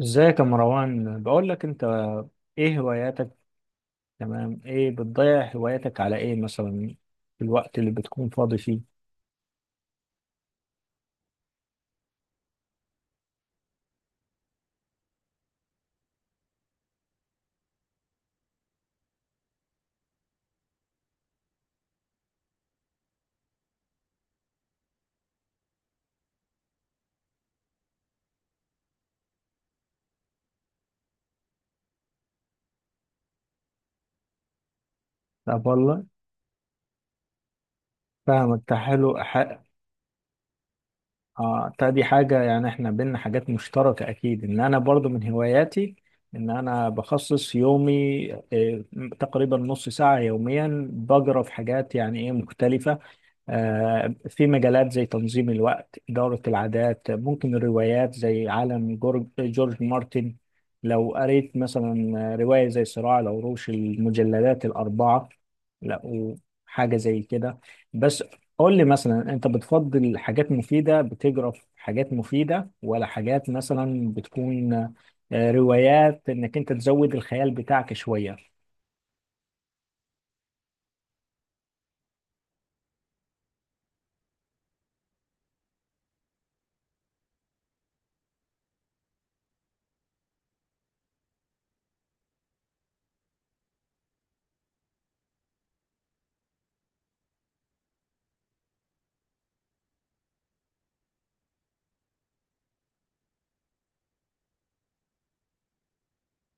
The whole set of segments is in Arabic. ازيك يا مروان؟ بقول لك انت، ايه هواياتك؟ تمام. ايه بتضيع هواياتك على ايه مثلا، في الوقت اللي بتكون فاضي فيه؟ طب والله، فاهمك، ده حلو. اه طيب، دي حاجة يعني احنا بينا حاجات مشتركة اكيد، ان انا برضو من هواياتي ان انا بخصص يومي إيه، تقريبا نص ساعة يوميا بقرا في حاجات يعني ايه مختلفة. في مجالات زي تنظيم الوقت، إدارة العادات، ممكن الروايات زي عالم جورج مارتن. لو قريت مثلا رواية زي صراع العروش المجلدات الأربعة، لقوا حاجة زي كده. بس قول لي مثلا، أنت بتفضل حاجات مفيدة بتجرى في حاجات مفيدة، ولا حاجات مثلا بتكون روايات إنك أنت تزود الخيال بتاعك شوية؟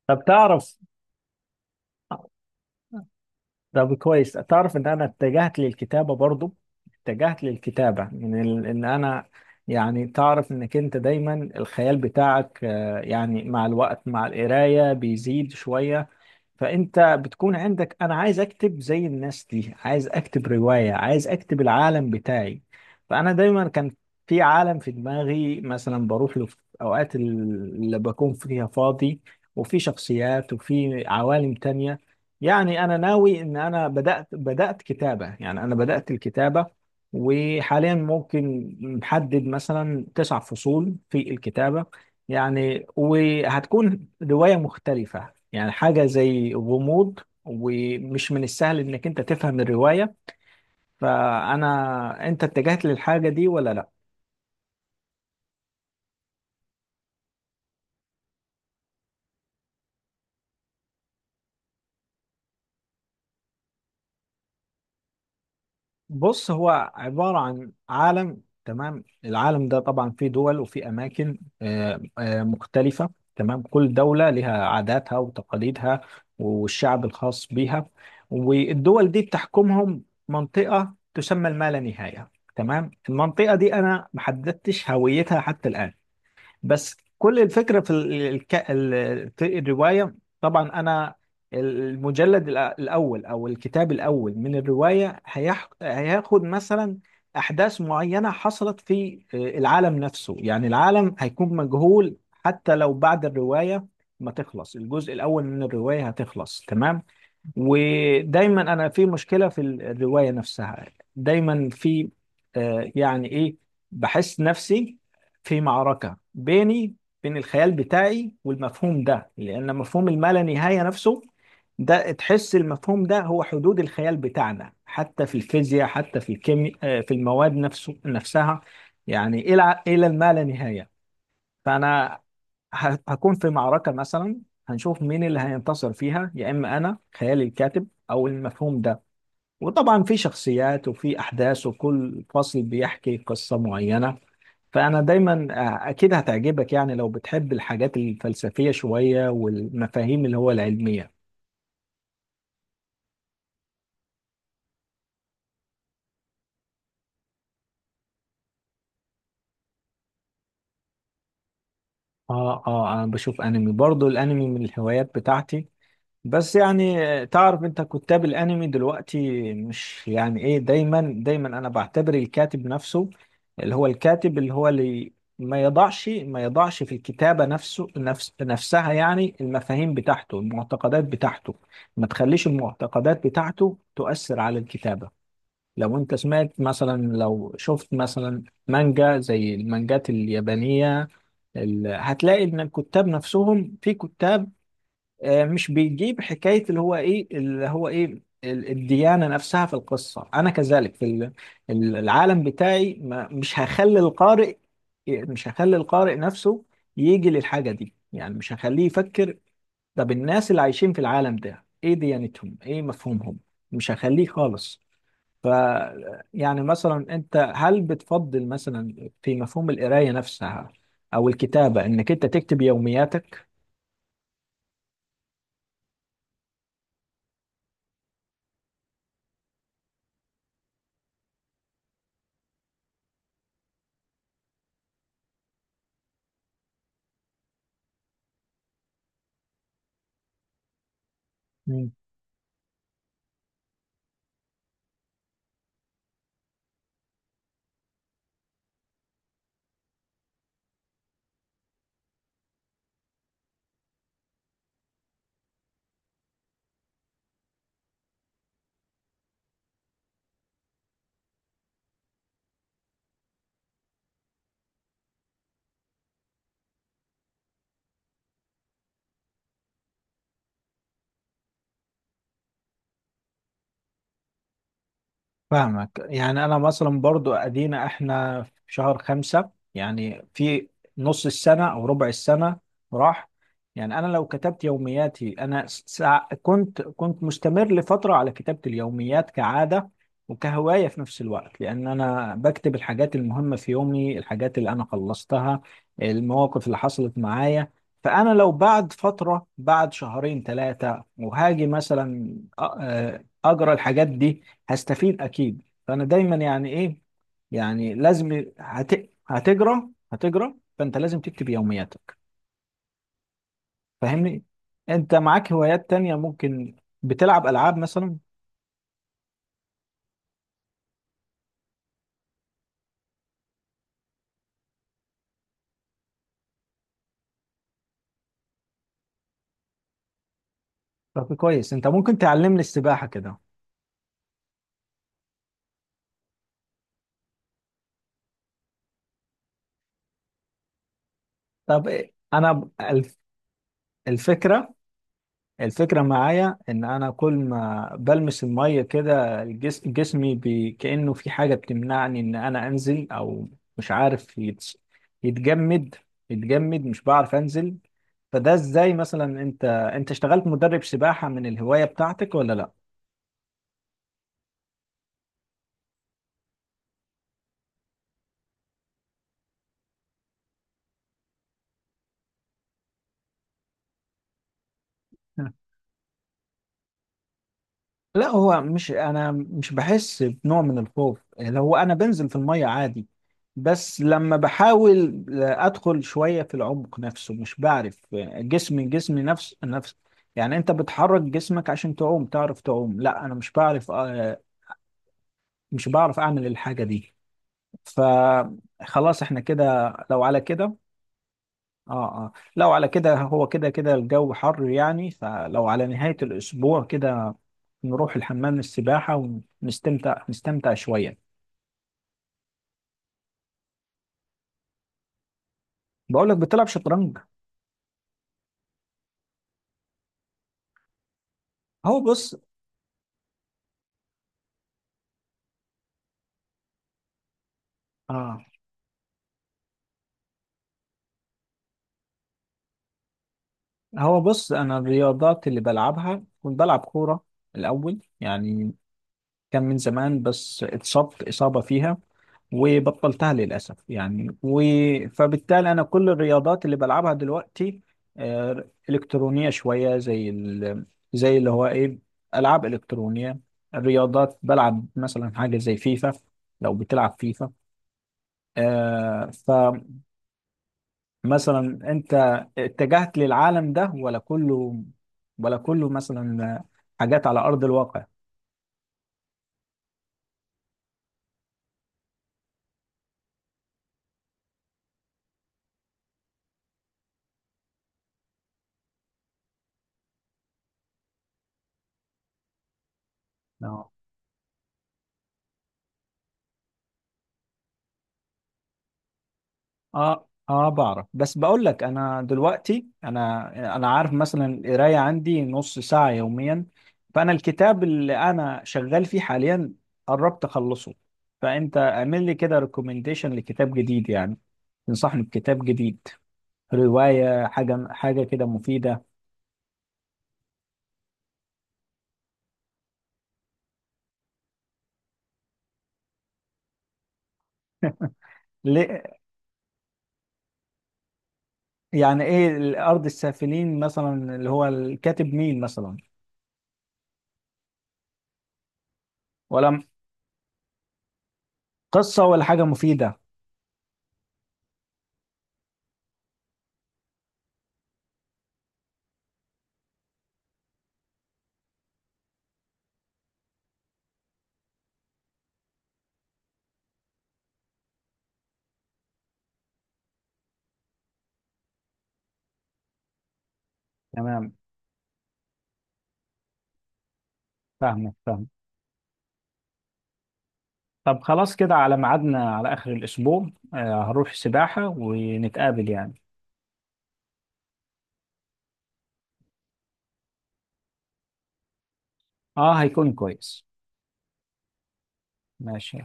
طب تعرف، طب كويس، تعرف ان انا اتجهت للكتابه برضو، اتجهت للكتابه من ان انا، يعني تعرف انك انت دايما الخيال بتاعك، يعني مع الوقت مع القرايه بيزيد شويه. فانت بتكون عندك انا عايز اكتب زي الناس دي، عايز اكتب رواية، عايز اكتب العالم بتاعي. فانا دايما كان في عالم في دماغي، مثلا بروح له في اوقات اللي بكون فيها فاضي، وفي شخصيات وفي عوالم تانية. يعني انا ناوي ان انا بدأت كتابة، يعني انا بدأت الكتابة، وحاليا ممكن محدد مثلا تسع فصول في الكتابة. يعني وهتكون رواية مختلفة، يعني حاجة زي غموض، ومش من السهل انك انت تفهم الرواية. فانا، انت اتجهت للحاجة دي ولا لا؟ بص، هو عبارة عن عالم. تمام، العالم ده طبعا فيه دول وفيه أماكن مختلفة. تمام، كل دولة لها عاداتها وتقاليدها والشعب الخاص بيها، والدول دي بتحكمهم منطقة تسمى الما لا نهاية. تمام، المنطقة دي أنا محددتش هويتها حتى الآن. بس كل الفكرة في في الرواية. طبعا أنا المجلد الأول، أو الكتاب الأول من الرواية هياخد مثلا أحداث معينة حصلت في العالم نفسه، يعني العالم هيكون مجهول، حتى لو بعد الرواية ما تخلص الجزء الأول من الرواية هتخلص تمام. ودايما انا في مشكله في الروايه نفسها، دايما في يعني ايه، بحس نفسي في معركه بيني، بين الخيال بتاعي والمفهوم ده، لان مفهوم الما نهايه نفسه، ده تحس المفهوم ده هو حدود الخيال بتاعنا، حتى في الفيزياء، حتى في الكيمياء، في المواد نفسها. يعني الى الما لا نهايه. فانا هكون في معركة مثلا، هنشوف مين اللي هينتصر فيها، يا إما أنا خيالي الكاتب، أو المفهوم ده. وطبعا في شخصيات وفي أحداث، وكل فصل بيحكي قصة معينة. فأنا دايما، أكيد هتعجبك يعني، لو بتحب الحاجات الفلسفية شوية والمفاهيم اللي هو العلمية. آه آه، أنا بشوف أنمي برضو، الأنمي من الهوايات بتاعتي. بس يعني تعرف انت كتاب الانمي دلوقتي مش يعني ايه، دايما دايما انا بعتبر الكاتب نفسه، اللي هو الكاتب، اللي هو اللي ما يضعش في الكتابة نفسها، يعني المفاهيم بتاعته، المعتقدات بتاعته، ما تخليش المعتقدات بتاعته تؤثر على الكتابة. لو انت سمعت مثلا، لو شفت مثلا مانجا زي المانجات اليابانية، هتلاقي ان الكتاب نفسهم في كتاب مش بيجيب حكاية اللي هو إيه، اللي هو إيه الديانة نفسها في القصة. أنا كذلك في العالم بتاعي، ما مش هخلي القارئ، مش هخلي القارئ نفسه يجي للحاجة دي، يعني مش هخليه يفكر، طب الناس اللي عايشين في العالم ده إيه ديانتهم، إيه مفهومهم. مش هخليه خالص. ف يعني مثلا، أنت هل بتفضل مثلا في مفهوم القراية نفسها، أو الكتابة إنك أنت تكتب يومياتك؟ فاهمك، يعني انا مثلا برضو ادينا احنا في شهر 5، يعني في نص السنة او ربع السنة راح. يعني انا لو كتبت يومياتي انا كنت مستمر لفترة على كتابة اليوميات كعادة، وكهواية في نفس الوقت، لان انا بكتب الحاجات المهمة في يومي، الحاجات اللي انا خلصتها، المواقف اللي حصلت معايا. فانا لو بعد فترة، بعد شهرين ثلاثة، وهاجي مثلا اجرى الحاجات دي، هستفيد اكيد. فانا دايما يعني ايه، يعني لازم هتجرى. فانت لازم تكتب يومياتك، فاهمني؟ انت معاك هوايات تانية، ممكن بتلعب العاب مثلا؟ طب كويس، انت ممكن تعلمني السباحة كده؟ طب إيه؟ انا الفكرة الفكرة معايا، إن أنا كل ما بلمس المية كده، جسمي بي، كأنه في حاجة بتمنعني إن أنا أنزل، أو مش عارف يتجمد يتجمد، مش بعرف أنزل. فده إزاي مثلا، أنت اشتغلت مدرب سباحة من الهواية بتاعتك ولا لأ؟ لا، هو مش، انا مش بحس بنوع من الخوف، لو انا بنزل في المية عادي. بس لما بحاول ادخل شوية في العمق نفسه مش بعرف، جسمي نفس نفس يعني، انت بتحرك جسمك عشان تعوم، تعرف تعوم؟ لا انا مش بعرف، مش بعرف اعمل الحاجة دي. فخلاص احنا كده، لو على كده. اه اه، لو على كده، هو كده كده الجو حر يعني، فلو على نهاية الأسبوع كده نروح الحمام السباحة، ونستمتع نستمتع شوية. بقول لك، بتلعب شطرنج؟ هو بص اه هو بص، أنا الرياضات اللي بلعبها كنت بلعب كورة الأول يعني، كان من زمان بس اتصبت إصابة فيها، وبطلتها للأسف يعني فبالتالي أنا كل الرياضات اللي بلعبها دلوقتي إلكترونية شوية، زي زي اللي هو إيه، ألعاب إلكترونية. الرياضات بلعب مثلا حاجة زي فيفا. لو بتلعب فيفا، فمثلا، أنت اتجهت للعالم ده ولا كله، مثلا حاجات على أرض الواقع؟ اه اه، بعرف. بس بقول لك انا دلوقتي، انا عارف مثلا، القرايه عندي نص ساعه يوميا. فانا الكتاب اللي انا شغال فيه حاليا قربت اخلصه. فانت اعمل لي كده ريكومنديشن لكتاب جديد يعني، تنصحني بكتاب جديد، روايه، حاجه كده مفيده. ليه؟ يعني ايه الارض السافلين مثلا، اللي هو الكاتب مين مثلا، ولا قصه، ولا حاجه مفيده؟ تمام، فاهمك فاهمك. طب خلاص كده، على ميعادنا على آخر الأسبوع، هروح سباحة ونتقابل يعني. اه هيكون كويس. ماشي.